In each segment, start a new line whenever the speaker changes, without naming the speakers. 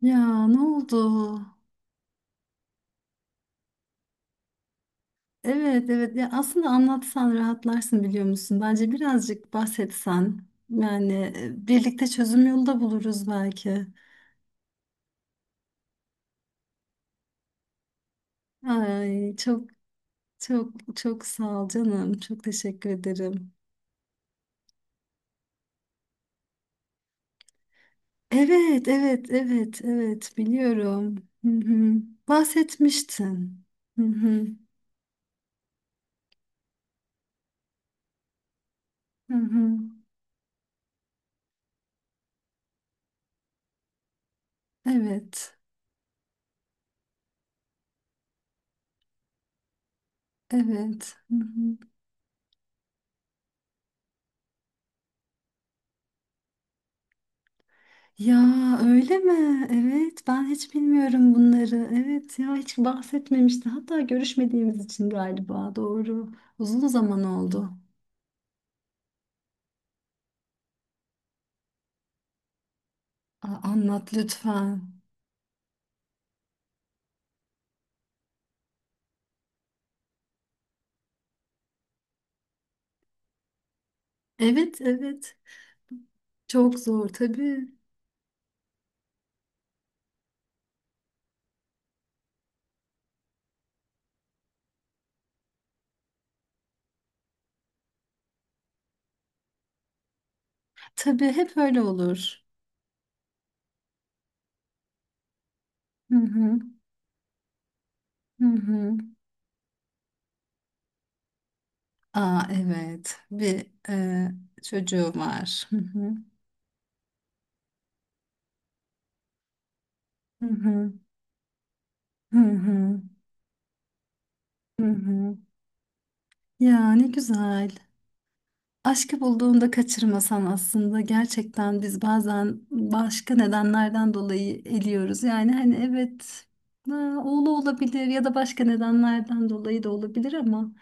Ya ne oldu? Evet evet, ya aslında anlatsan rahatlarsın biliyor musun? Bence birazcık bahsetsen yani birlikte çözüm yolu da buluruz belki. Ay çok çok sağ ol canım. Çok teşekkür ederim. Evet evet evet evet, biliyorum. Hı hı. Bahsetmiştin. Hı hı. Hı hı. Evet evet. Hı hı. Ya öyle mi? Evet, ben hiç bilmiyorum bunları. Evet, ya hiç bahsetmemişti. Hatta görüşmediğimiz için galiba. Doğru. Uzun zaman oldu. Anlat lütfen. Evet, evet. Çok zor tabii. Tabii hep öyle olur. Hı hı. Hı hı. Aa evet. Çocuğu var. Hı hı. Hı hı. Hı hı. Hı hı. Ya ne güzel. Aşkı bulduğunda kaçırmasan aslında, gerçekten biz bazen başka nedenlerden dolayı eliyoruz. Yani hani evet, ha, oğlu olabilir ya da başka nedenlerden dolayı da olabilir ama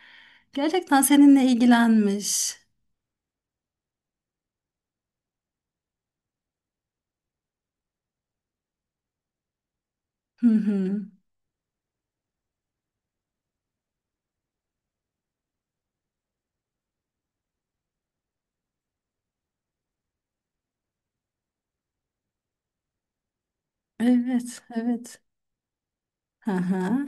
gerçekten seninle ilgilenmiş. Hı hı. Evet, evet. Hı hı.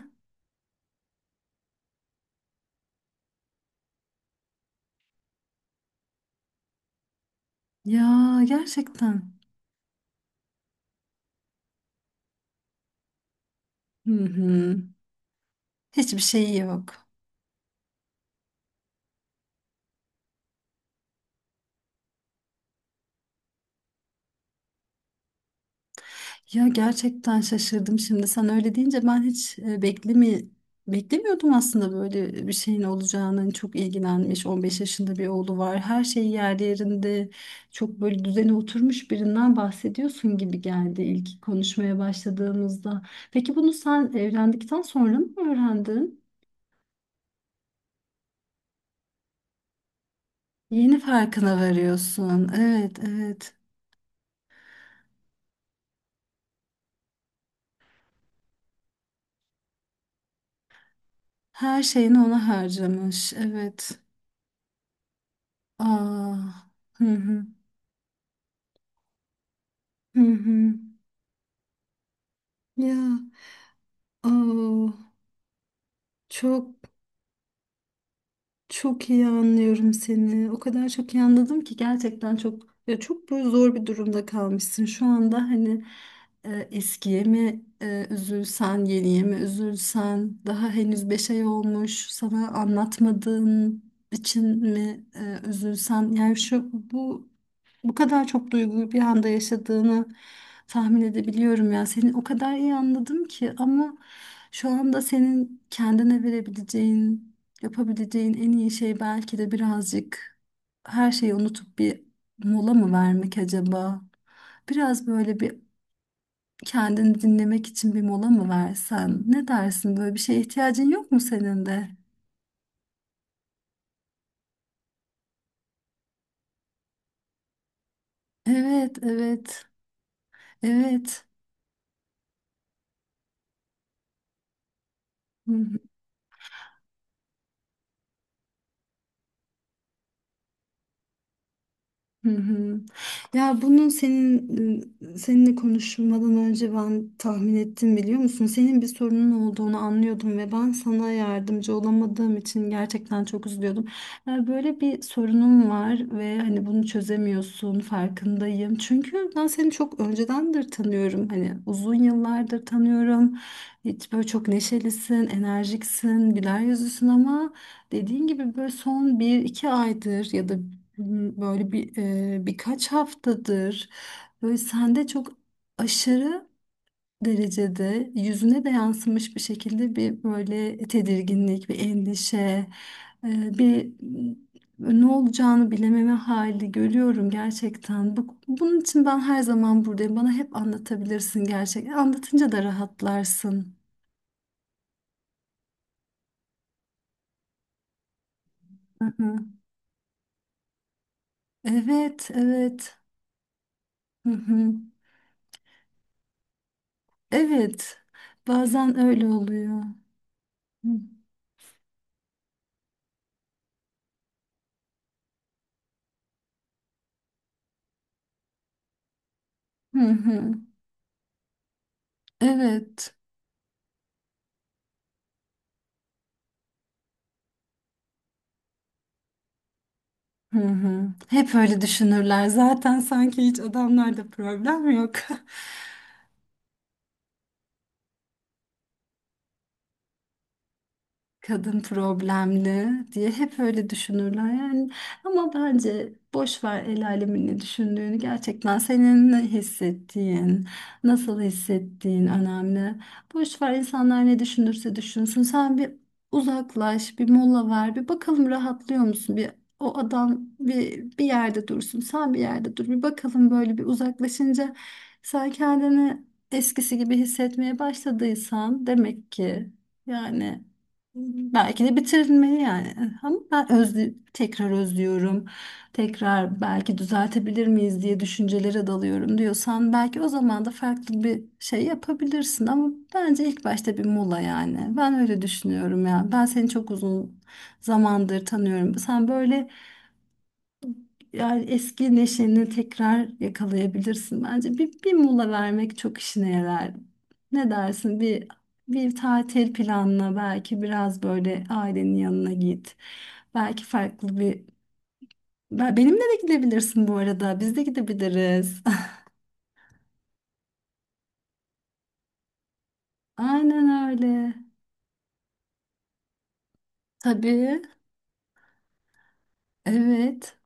Ya gerçekten. Hı hı. Hiçbir şey yok. Ya gerçekten şaşırdım şimdi sen öyle deyince. Ben hiç beklemiyordum aslında böyle bir şeyin olacağını. Hani çok ilgilenmiş, 15 yaşında bir oğlu var, her şey yerli yerinde, çok böyle düzene oturmuş birinden bahsediyorsun gibi geldi ilk konuşmaya başladığımızda. Peki bunu sen evlendikten sonra mı öğrendin? Yeni farkına varıyorsun. Evet, evet. Her şeyini ona harcamış. Evet. Aa. Hı hı. Hı hı. Ya. Aa, çok çok iyi anlıyorum seni. O kadar çok iyi anladım ki, gerçekten çok, ya çok böyle zor bir durumda kalmışsın. Şu anda hani eskiye mi üzülsen, yeniye mi üzülsen, daha henüz beş ay olmuş, sana anlatmadığın için mi üzülsen. Yani şu bu, bu kadar çok duyguyu bir anda yaşadığını tahmin edebiliyorum ya. Seni o kadar iyi anladım ki ama şu anda senin kendine verebileceğin, yapabileceğin en iyi şey belki de birazcık her şeyi unutup bir mola mı vermek acaba? Biraz böyle bir, kendini dinlemek için bir mola mı versen? Ne dersin? Böyle bir şeye ihtiyacın yok mu senin de? Evet, evet, evet. Hı hı. Ya bunun, seninle konuşmadan önce ben tahmin ettim biliyor musun? Senin bir sorunun olduğunu anlıyordum ve ben sana yardımcı olamadığım için gerçekten çok üzülüyordum. Ya böyle bir sorunum var ve hani bunu çözemiyorsun, farkındayım. Çünkü ben seni çok öncedendir tanıyorum. Hani uzun yıllardır tanıyorum. Hiç, böyle çok neşelisin, enerjiksin, güler yüzlüsün ama dediğin gibi böyle son bir iki aydır ya da böyle birkaç haftadır böyle sende çok aşırı derecede, yüzüne de yansımış bir şekilde bir böyle tedirginlik, bir endişe, e, bir m, ne olacağını bilememe hali görüyorum gerçekten. Bunun için ben her zaman buradayım. Bana hep anlatabilirsin gerçekten. Anlatınca da rahatlarsın. Hı hı. Evet, evet. Hı hı. Evet. Bazen öyle oluyor. Hı hı. Hı. Evet. Hı hı. Hep öyle düşünürler. Zaten sanki hiç adamlarda problem yok. Kadın problemli diye hep öyle düşünürler yani, ama bence boş ver el alemin ne düşündüğünü. Gerçekten senin ne hissettiğin, nasıl hissettiğin önemli. Boş ver, insanlar ne düşünürse düşünsün. Sen bir uzaklaş, bir mola ver, bir bakalım rahatlıyor musun. O adam bir yerde dursun, sen bir yerde dur, bir bakalım. Böyle bir uzaklaşınca sen kendini eskisi gibi hissetmeye başladıysan, demek ki yani belki de bitirilmeli yani. Ama ben tekrar özlüyorum. Tekrar belki düzeltebilir miyiz diye düşüncelere dalıyorum diyorsan, belki o zaman da farklı bir şey yapabilirsin, ama bence ilk başta bir mola yani. Ben öyle düşünüyorum ya. Ben seni çok uzun zamandır tanıyorum. Sen böyle, yani eski neşeni tekrar yakalayabilirsin bence. Bir mola vermek çok işine yarar. Ne dersin? Bir tatil planla, belki biraz böyle ailenin yanına git. Belki farklı bir, benimle de gidebilirsin bu arada. Biz de gidebiliriz. Aynen öyle. Tabii. Evet.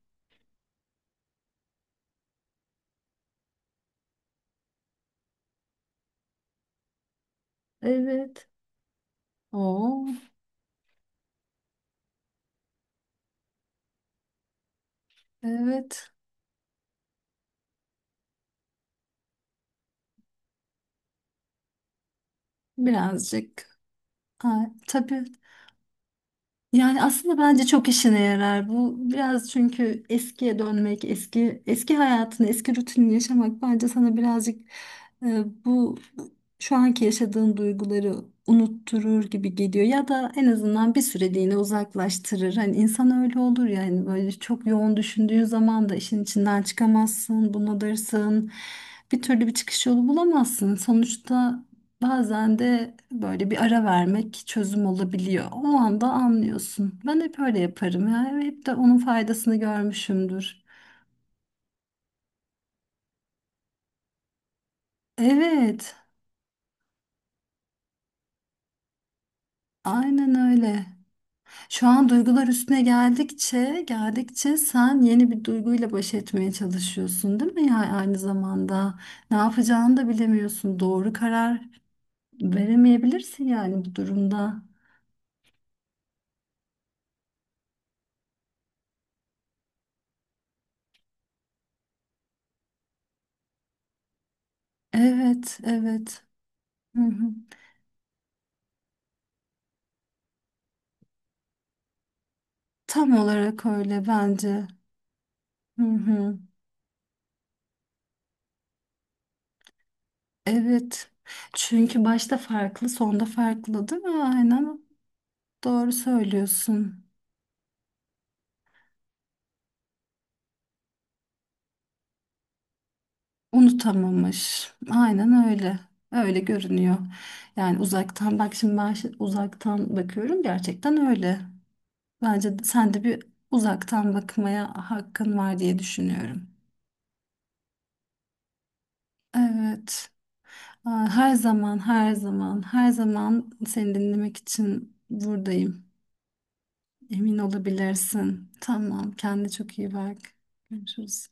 Evet. Oo, evet. Birazcık. Ha, tabii. Yani aslında bence çok işine yarar bu. Biraz, çünkü eskiye dönmek, eski eski hayatını, eski rutinini yaşamak bence sana birazcık bu şu anki yaşadığın duyguları unutturur gibi geliyor ya da en azından bir süreliğine uzaklaştırır. Hani insan öyle olur yani, böyle çok yoğun düşündüğün zaman da işin içinden çıkamazsın, bunalırsın. Bir türlü bir çıkış yolu bulamazsın. Sonuçta bazen de böyle bir ara vermek çözüm olabiliyor. O anda anlıyorsun. Ben hep öyle yaparım ya. Hep de onun faydasını görmüşümdür. Evet, aynen öyle. Şu an duygular üstüne geldikçe sen yeni bir duyguyla baş etmeye çalışıyorsun, değil mi? Yani aynı zamanda ne yapacağını da bilemiyorsun. Doğru karar veremeyebilirsin yani bu durumda. Evet, evet. Hı hı. Tam olarak öyle bence. Hı hı. Evet. Çünkü başta farklı, sonda farklı, değil mi? Aynen. Doğru söylüyorsun. Unutamamış. Aynen öyle. Öyle görünüyor. Yani uzaktan bak, şimdi ben uzaktan bakıyorum, gerçekten öyle. Bence sen de bir uzaktan bakmaya hakkın var diye düşünüyorum. Evet. Aa, her zaman, her zaman, her zaman seni dinlemek için buradayım. Emin olabilirsin. Tamam, kendine çok iyi bak. Görüşürüz.